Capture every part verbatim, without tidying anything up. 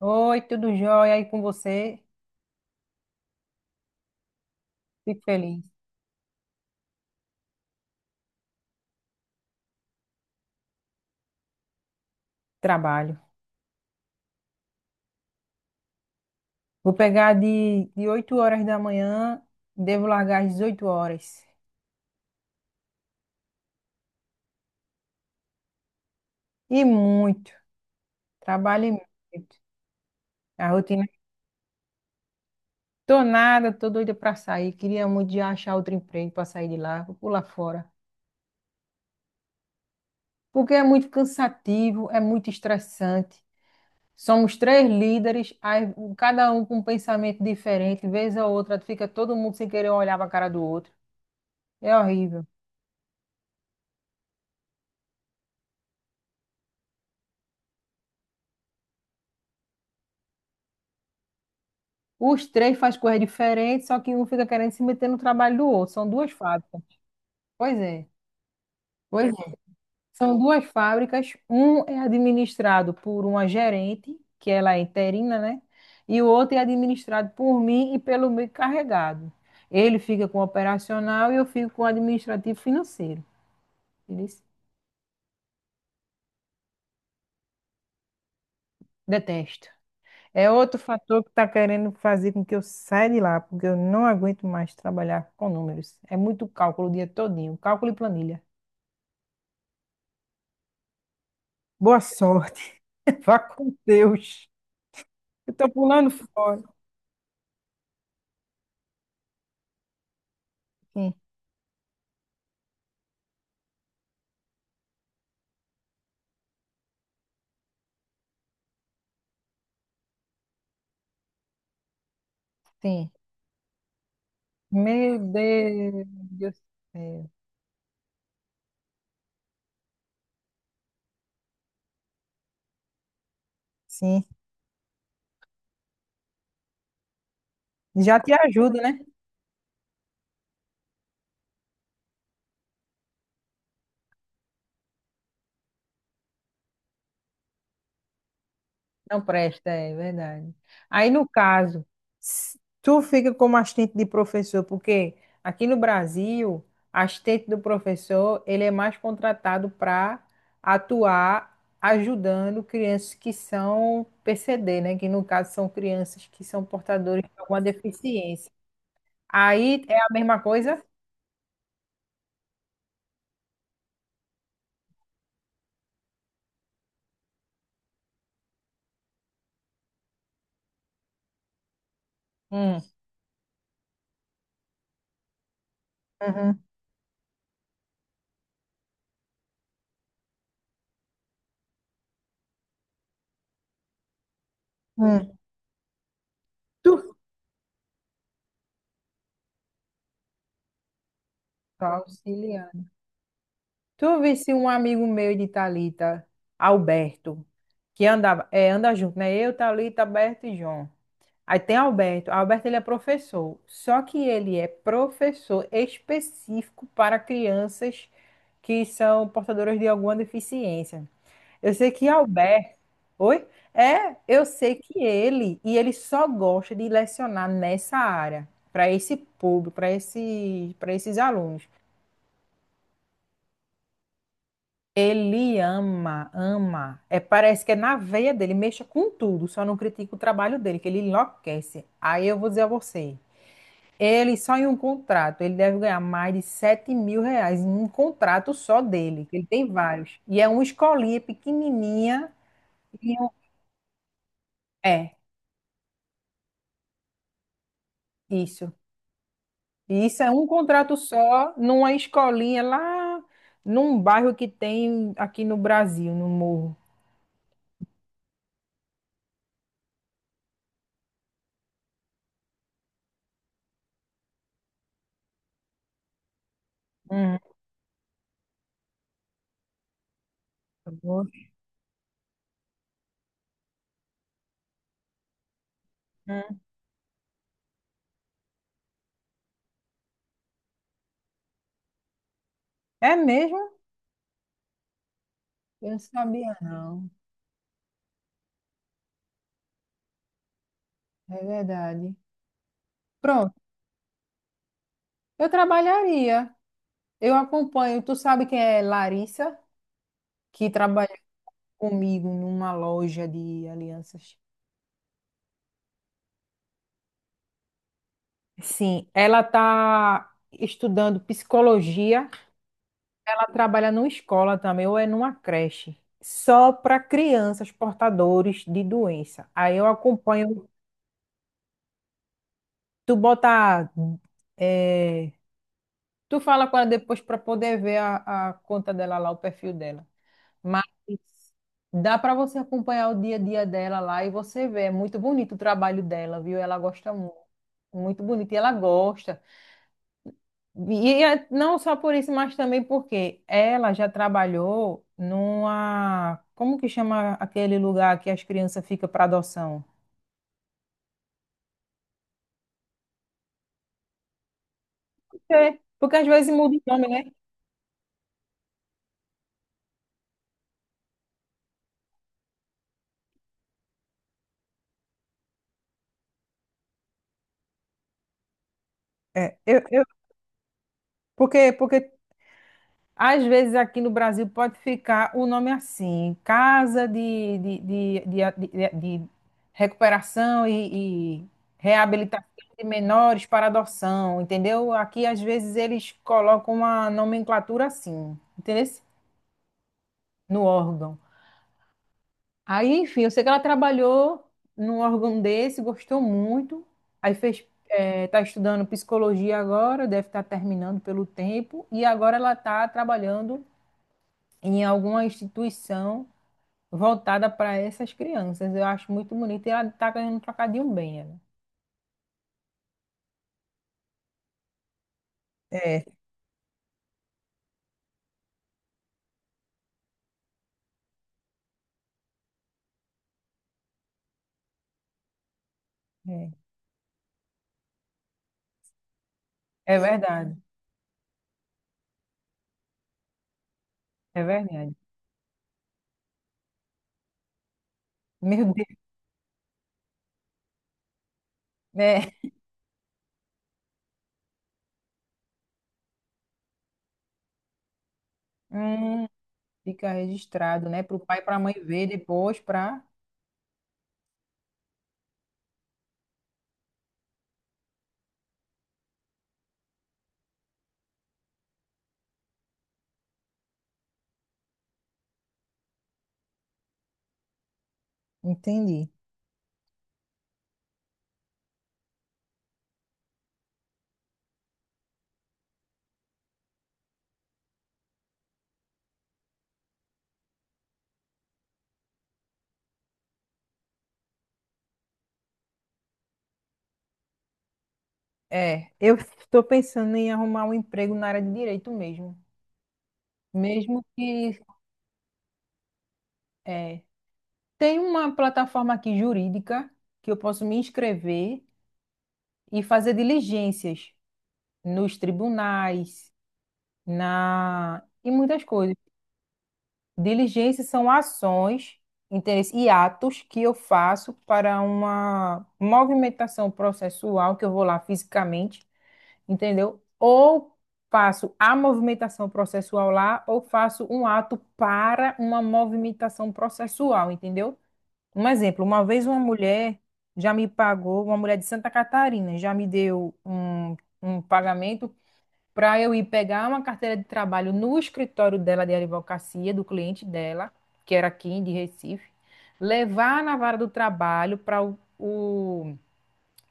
Oi, tudo jóia aí com você? Fico feliz. Trabalho. Vou pegar de, de oito horas da manhã, devo largar às dezoito horas. E muito. Trabalho e muito. A rotina. Tô nada, tô doida pra sair. Queria muito já achar outro emprego pra sair de lá, vou pular fora. Porque é muito cansativo, é muito estressante. Somos três líderes, aí o- cada um com um pensamento diferente. Vez a outra, fica todo mundo sem querer olhar pra cara do outro. É horrível. Os três fazem coisas diferentes, só que um fica querendo se meter no trabalho do outro. São duas fábricas. Pois é, pois é. São duas fábricas. Um é administrado por uma gerente, que ela é interina, né? E o outro é administrado por mim e pelo meu encarregado. Ele fica com o operacional e eu fico com o administrativo financeiro. Ele disse, detesto. É outro fator que está querendo fazer com que eu saia de lá, porque eu não aguento mais trabalhar com números. É muito cálculo o dia todinho, cálculo e planilha. Boa sorte, vá com Deus. Eu tô pulando fora. Sim, sim. Meu Deus do céu. Sim, já te ajuda, né? Não presta, é verdade. Aí, no caso, s- tu fica como assistente de professor, porque aqui no Brasil, assistente do professor, ele é mais contratado para atuar ajudando crianças que são P C D, né? Que no caso são crianças que são portadores de alguma deficiência. Aí é a mesma coisa? Hum. Uhum. Hum. Tu- tô auxiliando. Tu visse um amigo meu de Thalita, Alberto, que andava, é, anda junto, né? Eu, Thalita, Alberto e João. Aí tem Alberto. Alberto, ele é professor. Só que ele é professor específico para crianças que são portadoras de alguma deficiência. Eu sei que Albert. Oi? É, eu sei que ele, e ele só gosta de lecionar nessa área, para esse público, para esse, para esses alunos. Ele ama, ama. É, parece que é na veia dele, mexa com tudo, só não critica o trabalho dele, que ele enlouquece. Aí eu vou dizer a você, ele só em um contrato, ele deve ganhar mais de sete mil reais em um contrato só dele, que ele tem vários. E é uma escolinha pequenininha, e um, é, isso. E isso é um contrato só numa escolinha lá num bairro que tem aqui no Brasil, no Morro. Hum. Oxe. Hum. É mesmo? Eu não sabia, não. É verdade. Pronto, eu trabalharia. Eu acompanho. Tu sabe quem é Larissa, que trabalha comigo numa loja de alianças. Sim, ela está estudando psicologia, ela trabalha numa escola também, ou é numa creche, só para crianças portadores de doença. Aí eu acompanho, tu bota, é, tu fala com ela depois para poder ver a, a conta dela lá, o perfil dela. Mas dá para você acompanhar o dia a dia dela lá e você vê, é muito bonito o trabalho dela, viu? Ela gosta muito, muito bonito e ela gosta. E é não só por isso, mas também porque ela já trabalhou numa. Como que chama aquele lugar que as crianças ficam para adoção? É, porque às vezes muda o nome, né? É, eu, eu, porque, porque às vezes aqui no Brasil pode ficar o nome assim, Casa de, de, de, de, de- de Recuperação e, e Reabilitação de Menores para Adoção, entendeu? Aqui às vezes eles colocam uma nomenclatura assim, entendeu? No órgão. Aí, enfim, eu sei que ela trabalhou num órgão desse, gostou muito. Aí fez, eh, tá estudando psicologia agora, deve estar terminando pelo tempo. E agora ela está trabalhando em alguma instituição voltada para essas crianças. Eu acho muito bonito. E ela está ganhando um trocadinho bem, ela. É, é, é verdade, é verdade. Meu Deus, né? Hum, fica registrado, né? Para o pai e para a mãe ver depois, para. Entendi. É, eu estou pensando em arrumar um emprego na área de direito mesmo. Mesmo que é, tem uma plataforma aqui jurídica que eu posso me inscrever e fazer diligências nos tribunais, na e muitas coisas. Diligências são ações, interesse e atos que eu faço para uma movimentação processual que eu vou lá fisicamente, entendeu? Ou faço a movimentação processual lá, ou faço um ato para uma movimentação processual, entendeu? Um exemplo, uma vez uma mulher já me pagou, uma mulher de Santa Catarina, já me deu um, um pagamento para eu ir pegar uma carteira de trabalho no escritório dela de advocacia, do cliente dela, que era aqui de Recife, levar na vara do trabalho para o, o-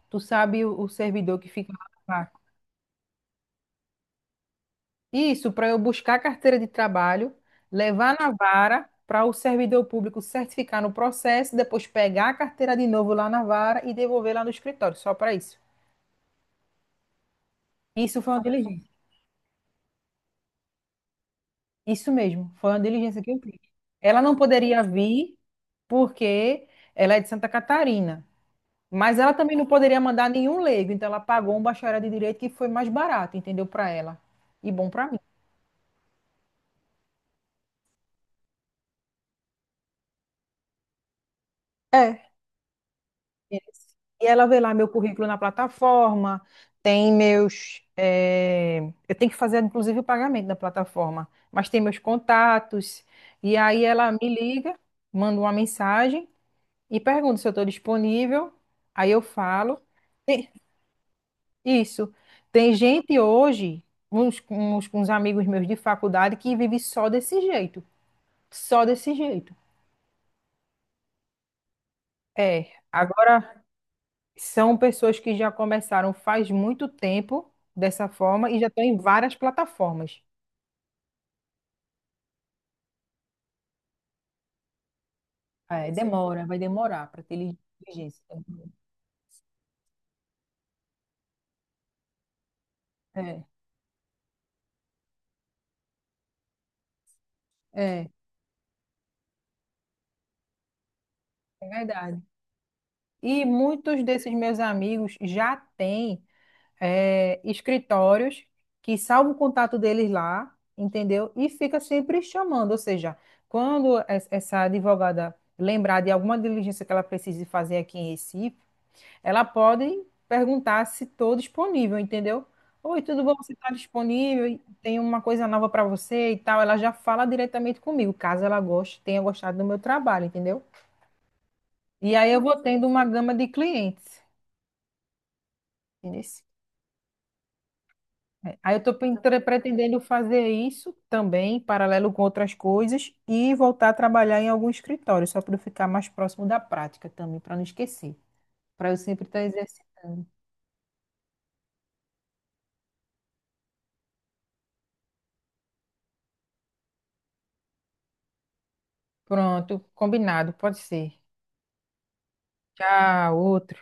tu sabe, o, o servidor que fica lá. Isso, para eu buscar a carteira de trabalho, levar na vara para o servidor público certificar no processo, depois pegar a carteira de novo lá na vara e devolver lá no escritório, só para isso. Isso foi uma diligência. Isso mesmo, foi uma diligência que eu fiz. Ela não poderia vir porque ela é de Santa Catarina, mas ela também não poderia mandar nenhum leigo, então ela pagou um bacharel de direito que foi mais barato, entendeu? Para ela e bom para mim. É. Isso. E ela vê lá meu currículo na plataforma, tem meus. eh, eu tenho que fazer, inclusive, o pagamento da plataforma, mas tem meus contatos. E aí ela me liga, manda uma mensagem e pergunta se eu estou disponível. Aí eu falo. Tem- Isso. Tem gente hoje, uns, uns, uns amigos meus de faculdade, que vive só desse jeito. Só desse jeito. É. Agora. São pessoas que já começaram faz muito tempo dessa forma e já estão em várias plataformas. É, demora, vai demorar para ter inteligência. É, é, é verdade. E muitos desses meus amigos já têm, é, escritórios que salvam o contato deles lá, entendeu? E fica sempre chamando. Ou seja, quando es- essa advogada lembrar de alguma diligência que ela precise fazer aqui em Recife, ela pode perguntar se estou disponível, entendeu? Oi, tudo bom? Você está disponível? Tem uma coisa nova para você e tal. Ela já fala diretamente comigo, caso ela goste, tenha gostado do meu trabalho, entendeu? E aí eu vou tendo uma gama de clientes, entendeu? Aí eu estou pretendendo fazer isso também, em paralelo com outras coisas, e voltar a trabalhar em algum escritório, só para eu ficar mais próximo da prática também, para não esquecer, para eu sempre estar exercitando. Pronto, combinado, pode ser. Tchau, outra.